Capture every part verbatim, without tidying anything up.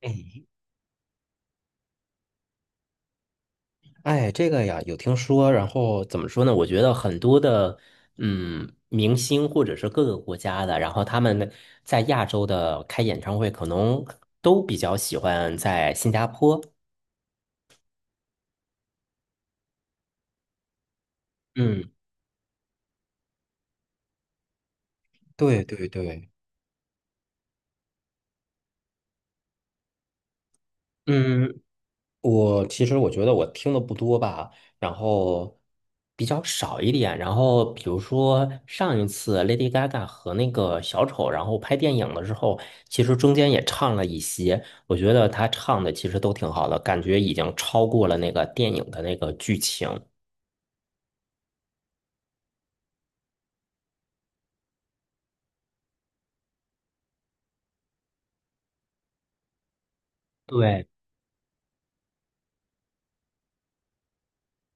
哎，哎，这个呀，有听说。然后怎么说呢？我觉得很多的，嗯，明星或者是各个国家的，然后他们在亚洲的开演唱会，可能都比较喜欢在新加坡。嗯，对对对。嗯。我其实我觉得我听的不多吧，然后比较少一点。然后比如说上一次 Lady Gaga 和那个小丑，然后拍电影的时候，其实中间也唱了一些，我觉得他唱的其实都挺好的，感觉已经超过了那个电影的那个剧情。对，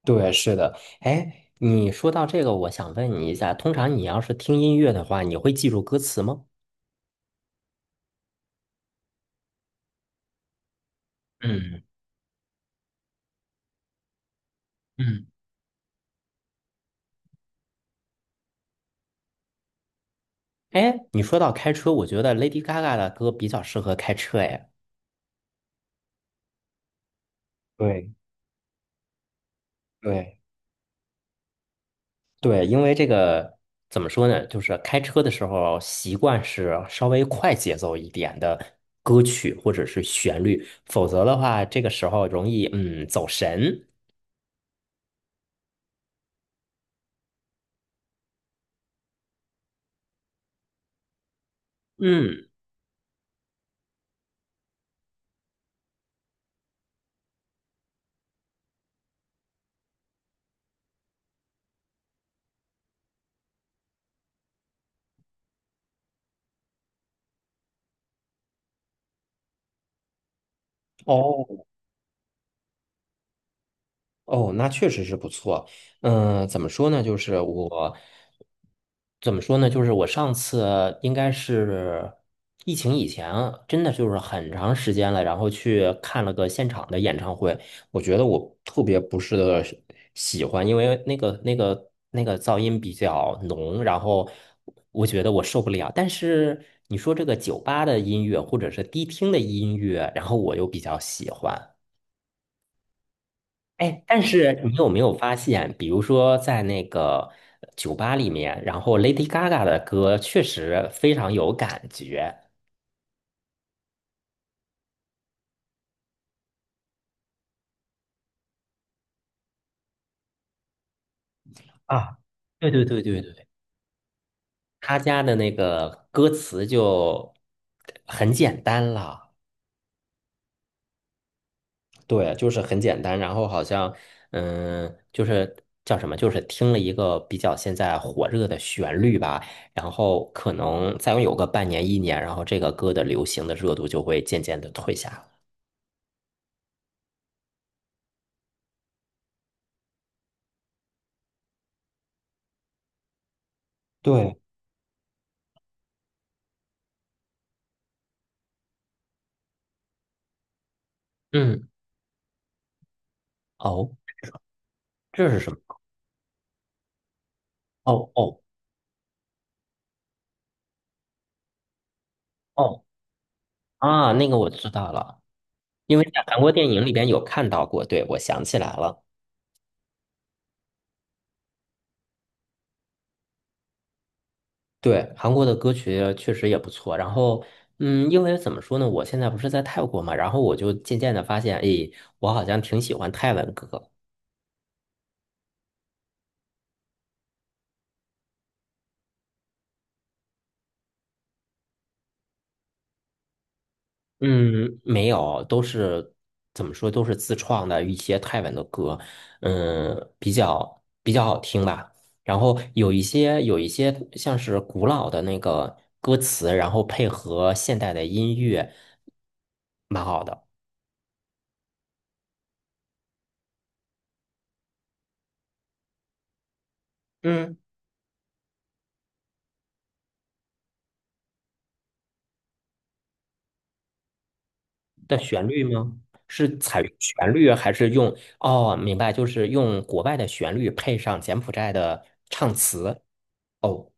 对，是的。哎，你说到这个，我想问你一下，通常你要是听音乐的话，你会记住歌词吗？嗯嗯。哎，你说到开车，我觉得 Lady Gaga 的歌比较适合开车。哎，对对，对，因为这个怎么说呢，就是开车的时候习惯是稍微快节奏一点的歌曲或者是旋律。否则的话，这个时候容易嗯走神。嗯，哦，哦，那确实是不错。嗯、怎么说呢？就是我怎么说呢？就是我上次应该是疫情以前，真的就是很长时间了，然后去看了个现场的演唱会。我觉得我特别不是的喜欢，因为那个那个那个噪音比较浓，然后我觉得我受不了。但是你说这个酒吧的音乐或者是迪厅的音乐，然后我又比较喜欢。哎，但是你有没有发现，比如说在那个酒吧里面，然后 Lady Gaga 的歌确实非常有感觉。啊，对对对对对，他家的那个歌词就很简单了。对，就是很简单。然后好像，嗯，就是叫什么，就是听了一个比较现在火热的旋律吧。然后可能再有个半年一年，然后这个歌的流行的热度就会渐渐的退下了。对，嗯。哦，这是什么？哦哦哦啊，那个我知道了。因为在韩国电影里边有看到过。对，我想起来了。对，韩国的歌曲确实也不错。然后，嗯，因为怎么说呢，我现在不是在泰国嘛，然后我就渐渐的发现，诶，我好像挺喜欢泰文歌。嗯，没有，都是怎么说，都是自创的一些泰文的歌。嗯，比较比较好听吧。然后有一些有一些像是古老的那个歌词，然后配合现代的音乐，蛮好的。嗯，的旋律吗？是采用旋律还是用？哦，明白，就是用国外的旋律配上柬埔寨的唱词。哦，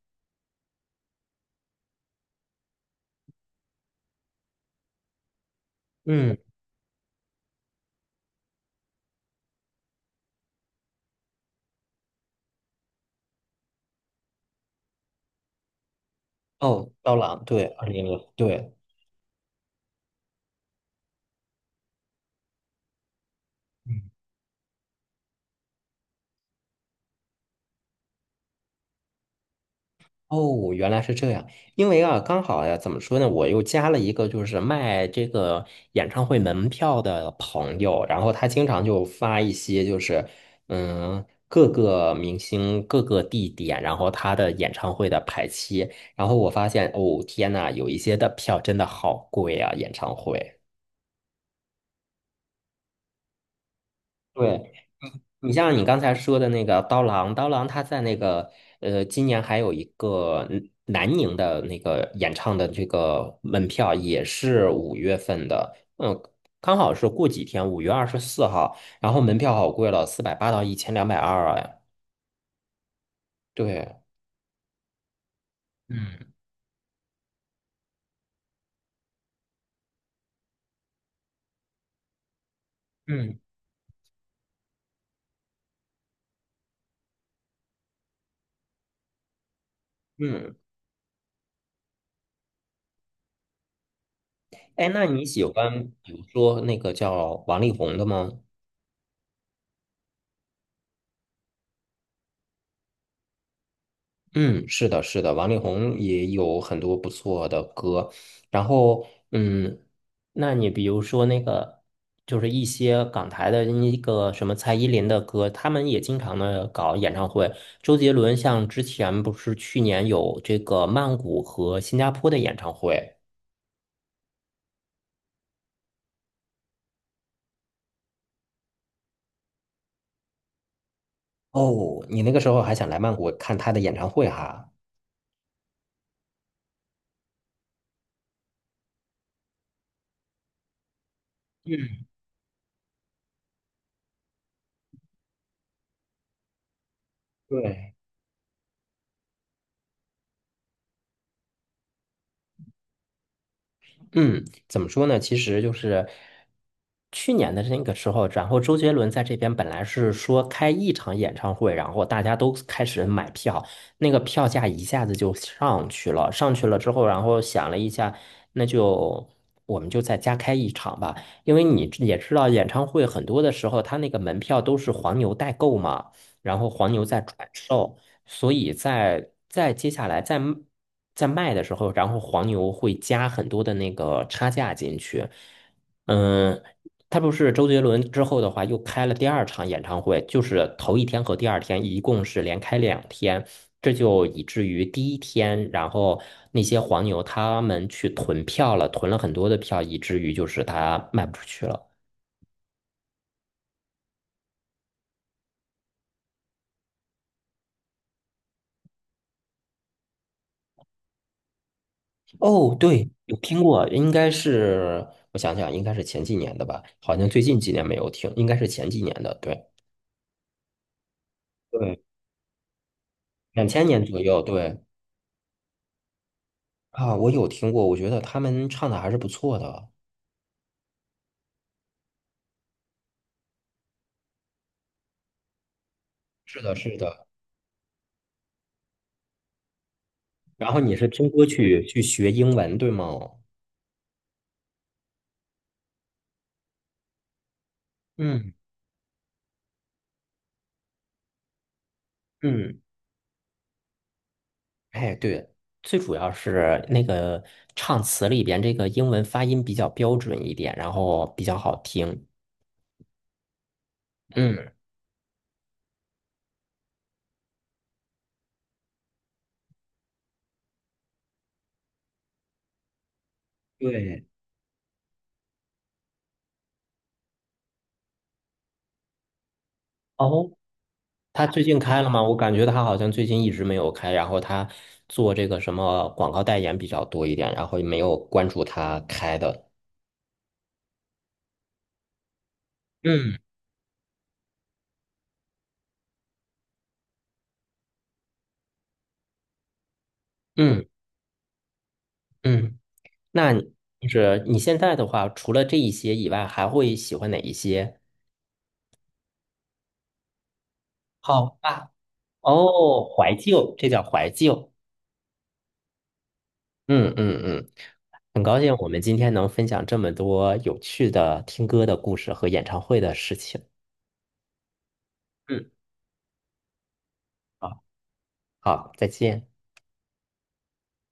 嗯，哦，刀郎，对，二零零，对。哦，原来是这样。因为啊，刚好呀，怎么说呢，我又加了一个就是卖这个演唱会门票的朋友，然后他经常就发一些就是嗯各个明星各个地点，然后他的演唱会的排期。然后我发现哦天呐，有一些的票真的好贵啊，演唱会。对，你像你刚才说的那个刀郎，刀郎他在那个呃，今年还有一个嗯南宁的那个演唱的这个门票也是五月份的。嗯，刚好是过几天，五月二十四号，然后门票好贵了，四百八到一千两百二。哎，对，嗯嗯，嗯，哎，那你喜欢比如说那个叫王力宏的吗？嗯，是的，是的，王力宏也有很多不错的歌。然后，嗯，那你比如说那个，就是一些港台的那个什么蔡依林的歌，他们也经常的搞演唱会。周杰伦像之前不是去年有这个曼谷和新加坡的演唱会。哦，你那个时候还想来曼谷看他的演唱会哈？嗯，对。嗯，怎么说呢？其实就是去年的那个时候，然后周杰伦在这边本来是说开一场演唱会，然后大家都开始买票，那个票价一下子就上去了。上去了之后，然后想了一下，那就我们就再加开一场吧，因为你也知道，演唱会很多的时候，他那个门票都是黄牛代购嘛，然后黄牛在转售。所以在在接下来在卖在卖的时候，然后黄牛会加很多的那个差价进去。嗯，他不是周杰伦之后的话又开了第二场演唱会，就是头一天和第二天一共是连开两天。这就以至于第一天，然后那些黄牛他们去囤票了，囤了很多的票，以至于就是他卖不出去了。哦，对，有听过，应该是我想想，应该是前几年的吧，好像最近几年没有听，应该是前几年的。对对，两千年左右，对。啊，我有听过，我觉得他们唱的还是不错的。是的，是的。然后你是听歌去去学英文，对吗？嗯嗯，哎，对，最主要是那个唱词里边这个英文发音比较标准一点，然后比较好听。嗯，对。哦，他最近开了吗？我感觉他好像最近一直没有开，然后他做这个什么广告代言比较多一点，然后也没有关注他开的。嗯嗯嗯，那你就是你现在的话，除了这一些以外，还会喜欢哪一些？好吧，哦，怀旧，这叫怀旧。嗯嗯嗯，很高兴我们今天能分享这么多有趣的听歌的故事和演唱会的事情。嗯，好，好，再见。